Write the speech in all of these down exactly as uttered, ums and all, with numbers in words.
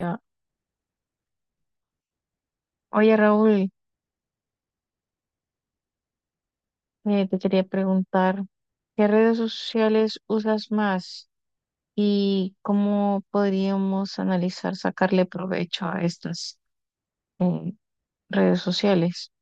Ya. Oye, Raúl, eh, te quería preguntar, ¿qué redes sociales usas más y cómo podríamos analizar sacarle provecho a estas eh, redes sociales?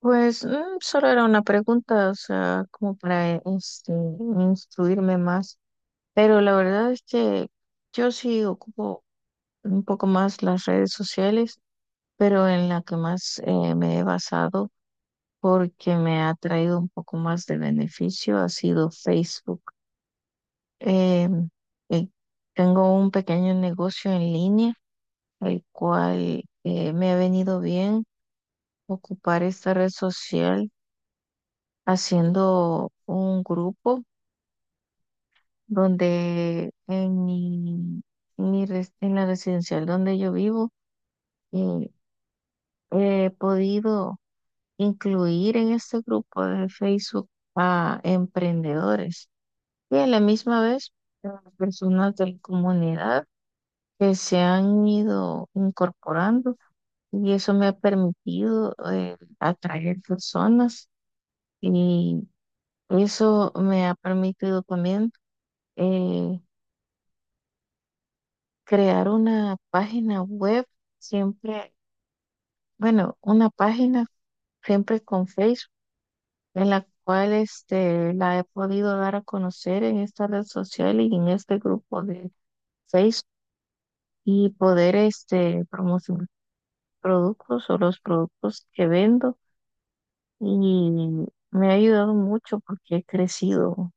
Pues mm, solo era una pregunta, o sea, como para este, instruirme más, pero la verdad es que yo sí ocupo un poco más las redes sociales, pero en la que más eh, me he basado. porque me ha traído un poco más de beneficio ha sido Facebook. Eh, eh, tengo un pequeño negocio en línea, el cual eh, me ha venido bien ocupar esta red social haciendo un grupo donde en mi, en mi res- en la residencial donde yo vivo, eh, he podido incluir en este grupo de Facebook a emprendedores. Y a la misma vez, las personas de la comunidad que se han ido incorporando, y eso me ha permitido eh, atraer personas, y eso me ha permitido también eh, crear una página web siempre, bueno, una página siempre con Facebook, en la cual este, la he podido dar a conocer en esta red social y en este grupo de Facebook, y poder este, promocionar productos o los productos que vendo, y me ha ayudado mucho porque he crecido.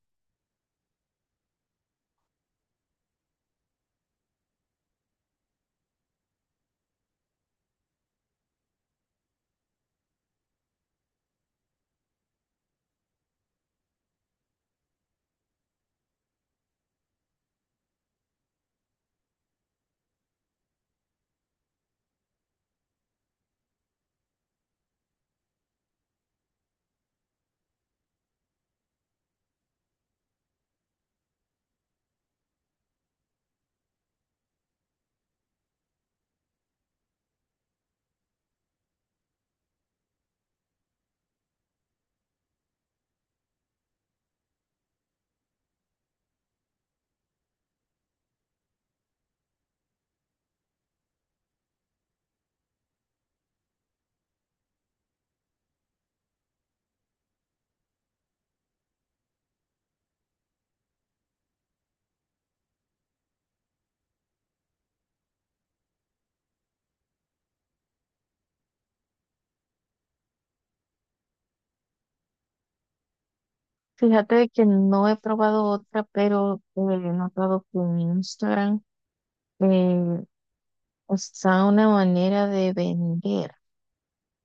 Fíjate que no he probado otra, pero eh, he notado que en Instagram eh, está una manera de vender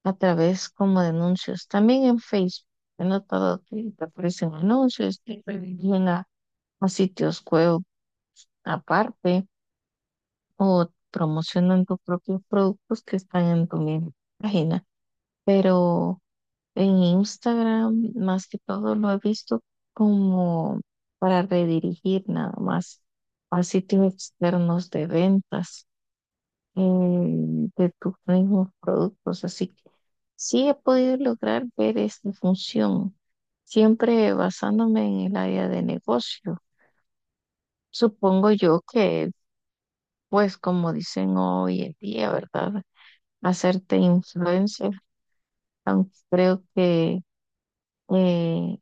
a través como de anuncios. También en Facebook he notado que te aparecen anuncios, te llegan a, a sitios web aparte o promocionan tus propios productos que están en tu misma página. Pero en Instagram, más que todo, lo he visto como para redirigir nada más a sitios externos de ventas eh, de tus mismos productos. Así que sí he podido lograr ver esta función, siempre basándome en el área de negocio. Supongo yo que, pues, como dicen hoy en día, ¿verdad? Hacerte influencer, aunque creo que eh,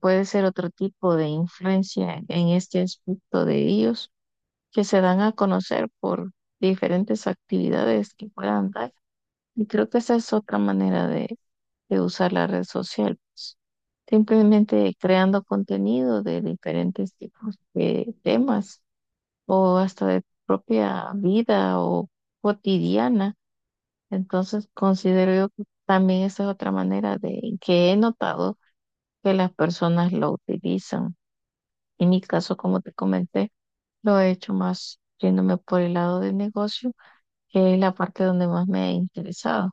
puede ser otro tipo de influencia en este aspecto de ellos que se dan a conocer por diferentes actividades que puedan dar. Y creo que esa es otra manera de, de usar la red social, pues. Simplemente creando contenido de diferentes tipos de temas o hasta de propia vida o cotidiana. Entonces considero yo que también esa es otra manera de que he notado que las personas lo utilizan. En mi caso, como te comenté, lo he hecho más yéndome por el lado del negocio, que es la parte donde más me ha interesado.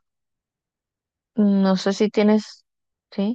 No sé si tienes, sí,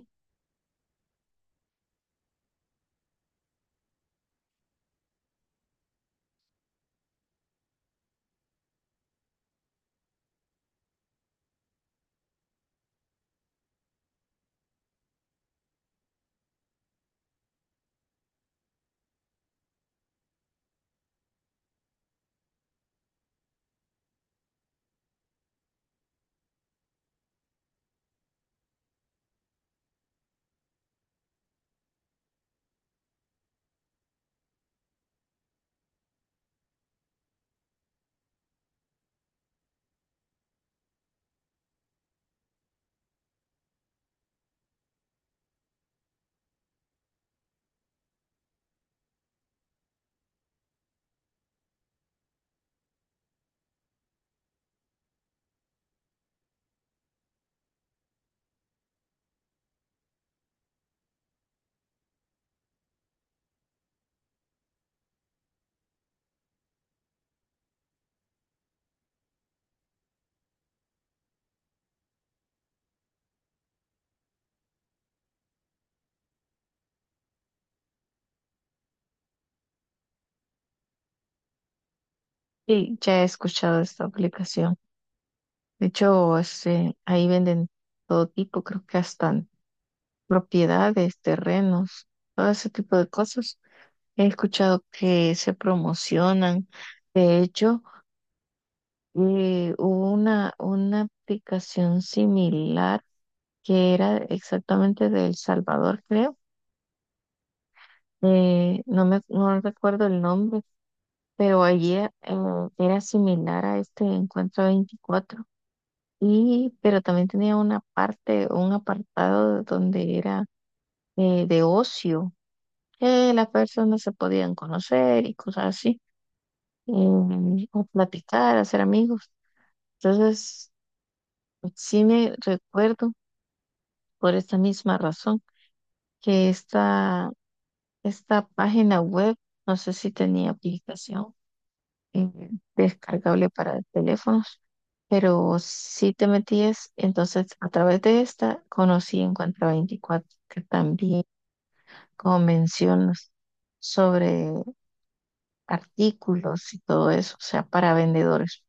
sí, ya he escuchado esta aplicación. De hecho, este, ahí venden todo tipo, creo que hasta propiedades, terrenos, todo ese tipo de cosas. He escuchado que se promocionan. De hecho, eh, hubo una, una aplicación similar que era exactamente de El Salvador, creo. Eh, no me no recuerdo el nombre, pero allí eh, era similar a este Encuentro veinticuatro. Y, pero también tenía una parte, un apartado donde era eh, de ocio, que las personas se podían conocer y cosas así, em, o platicar, hacer amigos. Entonces, sí me recuerdo por esta misma razón que esta esta página web, no sé si tenía aplicación eh, descargable para teléfonos, pero si te metías, entonces a través de esta conocí Encuentra veinticuatro que también, como mencionas, sobre artículos y todo eso, o sea, para vendedores.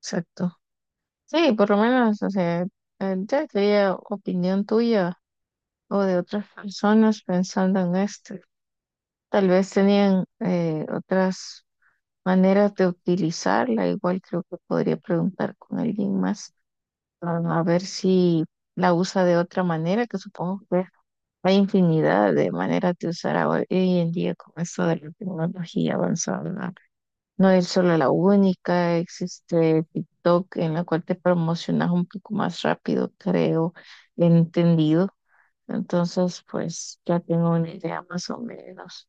Exacto. Sí, por lo menos, o sea, eh, ya quería opinión tuya o de otras personas pensando en esto. Tal vez tenían eh, otras maneras de utilizarla. Igual creo que podría preguntar con alguien más, ah, a ver si la usa de otra manera, que supongo que hay infinidad de maneras de usar ahora- hoy en día con esto de la tecnología avanzada, ¿verdad? No es solo la única, existe TikTok en la cual te promocionas un poco más rápido, creo, entendido. Entonces, pues ya tengo una idea más o menos.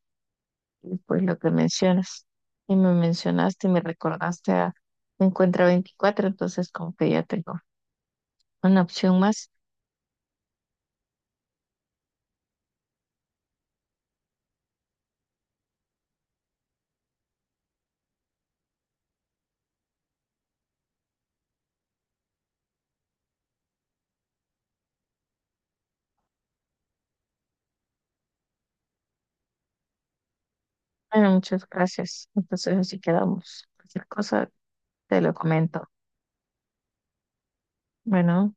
Y pues lo que mencionas. Y me mencionaste y me recordaste a Encuentra veinticuatro, entonces como que ya tengo una opción más. Bueno, muchas gracias. Entonces así quedamos. Cualquier cosa te lo comento. Bueno.